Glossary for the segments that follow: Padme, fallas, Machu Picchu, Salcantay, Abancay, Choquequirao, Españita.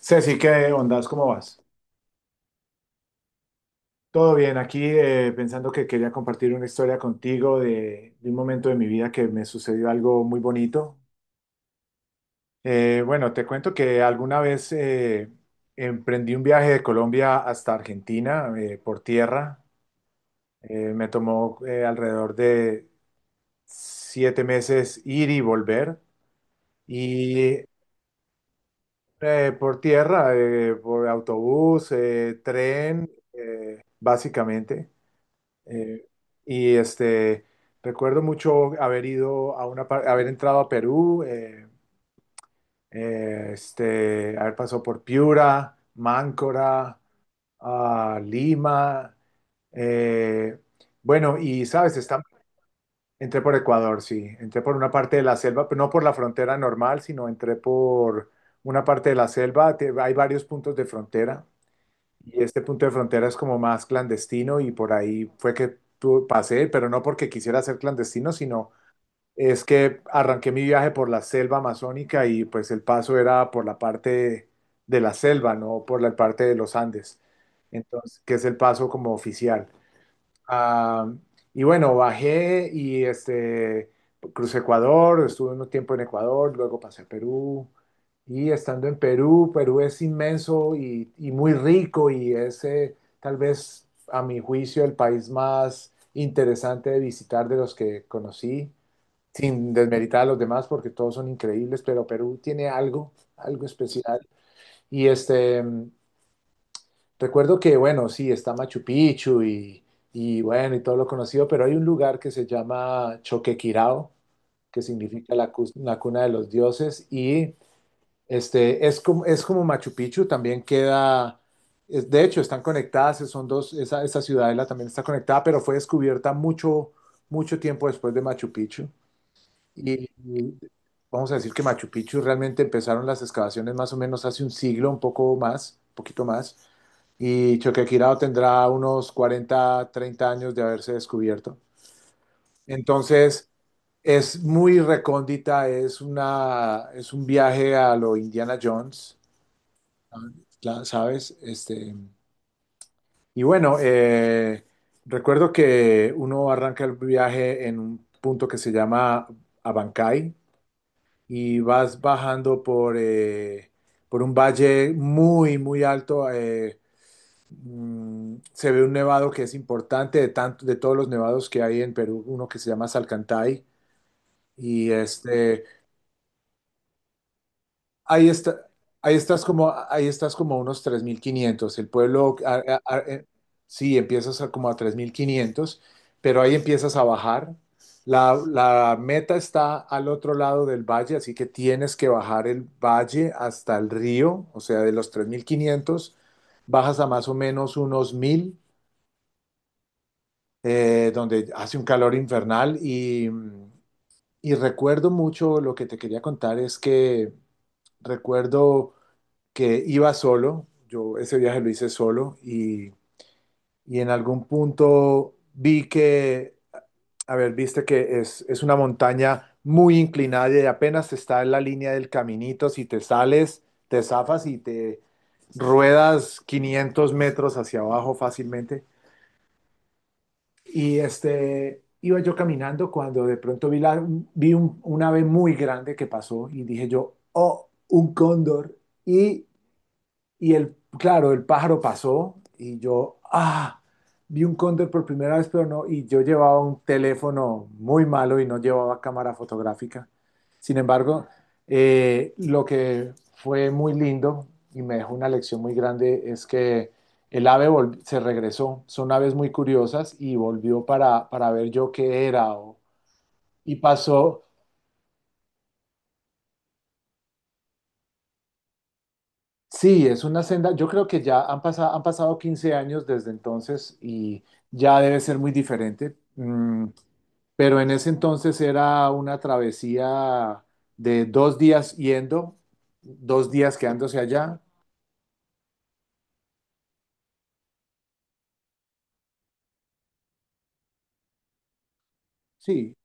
Ceci, ¿qué ondas? ¿Cómo vas? Todo bien, aquí pensando que quería compartir una historia contigo de un momento de mi vida que me sucedió algo muy bonito. Bueno, te cuento que alguna vez emprendí un viaje de Colombia hasta Argentina por tierra. Me tomó alrededor de 7 meses ir y volver. Y por tierra, por autobús, tren, básicamente. Eh, y este, Recuerdo mucho haber ido a haber entrado a Perú, haber pasado por Piura, Máncora, ah, Lima. eh, bueno, y sabes, entré por Ecuador, sí, entré por una parte de la selva, pero no por la frontera normal, sino entré por una parte de la selva. Hay varios puntos de frontera. Y este punto de frontera es como más clandestino y por ahí fue que pasé, pero no porque quisiera ser clandestino, sino es que arranqué mi viaje por la selva amazónica y pues el paso era por la parte de la selva, no por la parte de los Andes. Entonces, que es el paso como oficial. Ah, y bueno, crucé Ecuador, estuve un tiempo en Ecuador, luego pasé a Perú. Y estando en Perú, Perú es inmenso y muy rico y es tal vez a mi juicio el país más interesante de visitar de los que conocí, sin desmeritar a los demás porque todos son increíbles, pero Perú tiene algo, algo especial. Y este, Recuerdo que, bueno, sí, está Machu Picchu y, bueno, y todo lo conocido, pero hay un lugar que se llama Choquequirao, que significa la cuna de los dioses, es como Machu Picchu, también queda. De hecho, están conectadas, son dos, esa ciudadela también está conectada, pero fue descubierta mucho, mucho tiempo después de Machu Picchu. Y vamos a decir que Machu Picchu realmente empezaron las excavaciones más o menos hace un siglo, un poco más, un poquito más, y Choquequirao tendrá unos 40 30 años de haberse descubierto. Entonces, es muy recóndita, es un viaje a lo Indiana Jones, ¿sabes? Y bueno, eh, Recuerdo que uno arranca el viaje en un punto que se llama Abancay y vas bajando por un valle muy, muy alto. Se ve un nevado que es importante de tanto, de todos los nevados que hay en Perú, uno que se llama Salcantay. y este ahí está Ahí estás como a unos 3500 el pueblo. Sí, empiezas a como a 3500, pero ahí empiezas a bajar. La meta está al otro lado del valle, así que tienes que bajar el valle hasta el río, o sea, de los 3500 bajas a más o menos unos mil, donde hace un calor infernal y recuerdo mucho lo que te quería contar es que recuerdo que iba solo. Yo ese viaje lo hice solo y en algún punto a ver, viste que es una montaña muy inclinada y apenas está en la línea del caminito. Si te sales, te zafas y te ruedas 500 metros hacia abajo fácilmente. Y este, iba yo caminando cuando de pronto vi un ave muy grande que pasó y dije yo, oh, un cóndor. Y y el, claro, el pájaro pasó y yo, ah, vi un cóndor por primera vez, pero no, y yo llevaba un teléfono muy malo y no llevaba cámara fotográfica. Sin embargo, lo que fue muy lindo y me dejó una lección muy grande es que se regresó. Son aves muy curiosas y volvió para ver yo qué era. Y pasó, Sí, es una senda. Yo creo que ya han pasado 15 años desde entonces y ya debe ser muy diferente. Pero en ese entonces era una travesía de 2 días yendo, 2 días quedándose allá. Sí,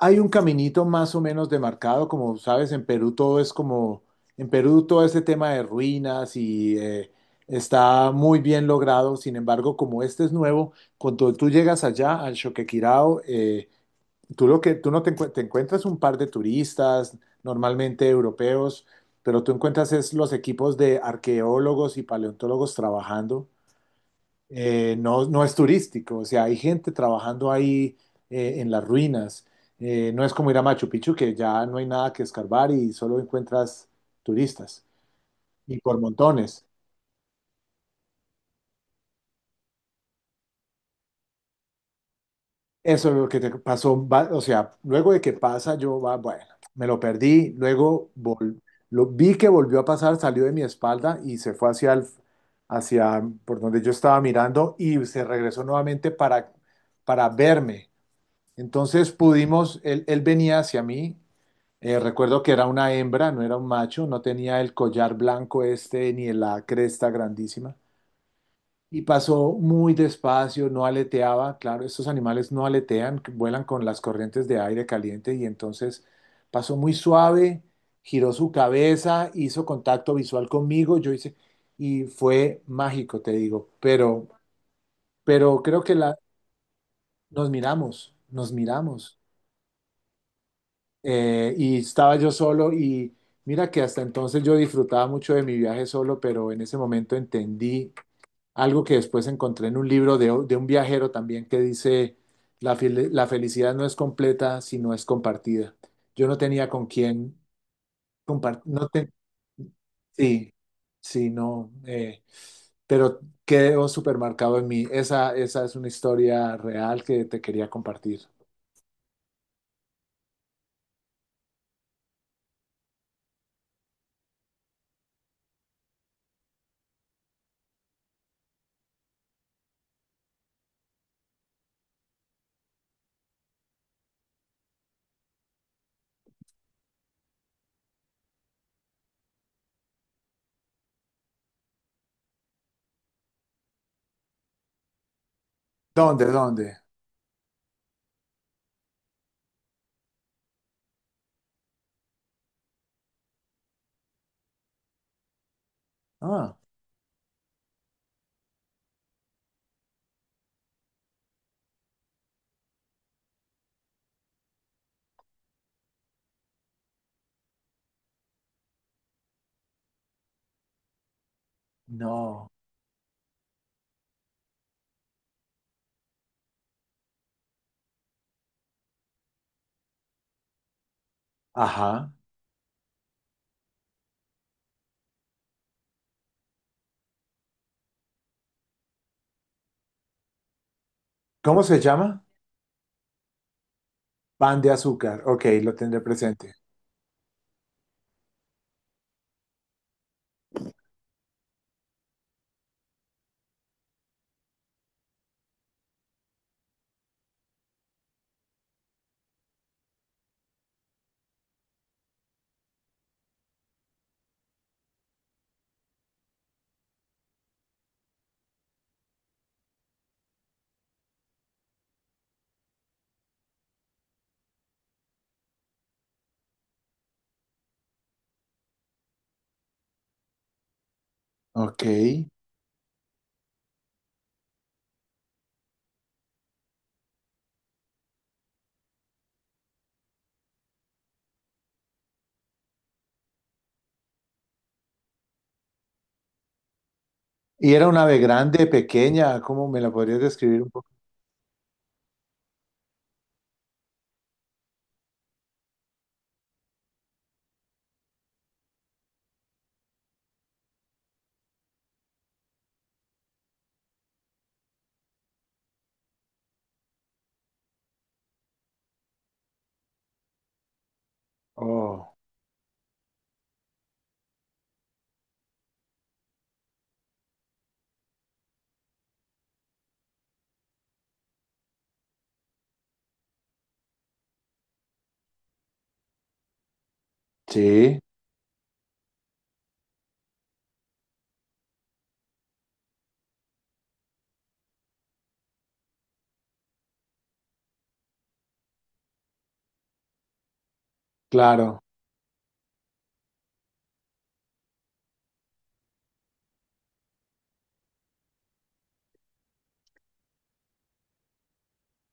hay un caminito más o menos demarcado, como sabes, en Perú todo es como, en Perú todo este tema de ruinas y está muy bien logrado. Sin embargo, como este es nuevo, cuando tú llegas allá al Choquequirao, Tú lo que tú no te, encuent- te encuentras un par de turistas, normalmente europeos, pero tú encuentras es los equipos de arqueólogos y paleontólogos trabajando. No, no es turístico, o sea, hay gente trabajando ahí en las ruinas. No es como ir a Machu Picchu, que ya no hay nada que escarbar y solo encuentras turistas, y por montones. Eso es lo que te pasó, o sea, luego de que pasa, bueno, me lo perdí, vi que volvió a pasar, salió de mi espalda y se fue hacia por donde yo estaba mirando y se regresó nuevamente para verme. Entonces pudimos, él venía hacia mí, recuerdo que era una hembra, no era un macho, no tenía el collar blanco este ni la cresta grandísima. Y pasó muy despacio, no aleteaba, claro, estos animales no aletean, que vuelan con las corrientes de aire caliente y entonces pasó muy suave, giró su cabeza, hizo contacto visual conmigo, yo hice, y fue mágico, te digo, pero, pero creo que la, nos miramos, y estaba yo solo y mira que hasta entonces yo disfrutaba mucho de mi viaje solo, pero en ese momento entendí algo que después encontré en un libro de un viajero también que dice, la felicidad no es completa si no es compartida. Yo no tenía con quién compartir, sí, sí, no, pero quedó supermercado en mí. Esa es una historia real que te quería compartir. ¿Dónde, dónde? Ah, no. Ajá. ¿Cómo se llama? Pan de azúcar. Ok, lo tendré presente. Ok. Y era una ave grande, pequeña, ¿cómo me la podrías describir un poco? Oh, sí, claro.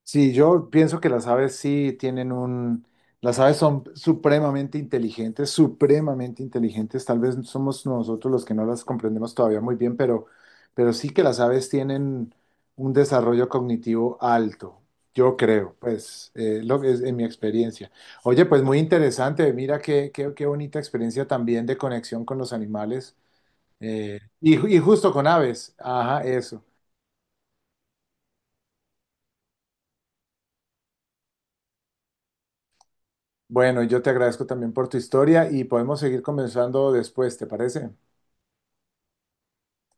Sí, yo pienso que las aves sí tienen un... Las aves son supremamente inteligentes, supremamente inteligentes. Tal vez somos nosotros los que no las comprendemos todavía muy bien, pero sí que las aves tienen un desarrollo cognitivo alto, yo creo, pues, lo que es en mi experiencia. Oye, pues muy interesante. Mira qué, qué, qué bonita experiencia también de conexión con los animales. Y, y justo con aves. Ajá, eso. Bueno, yo te agradezco también por tu historia y podemos seguir conversando después, ¿te parece?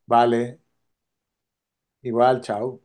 Vale, igual, chao.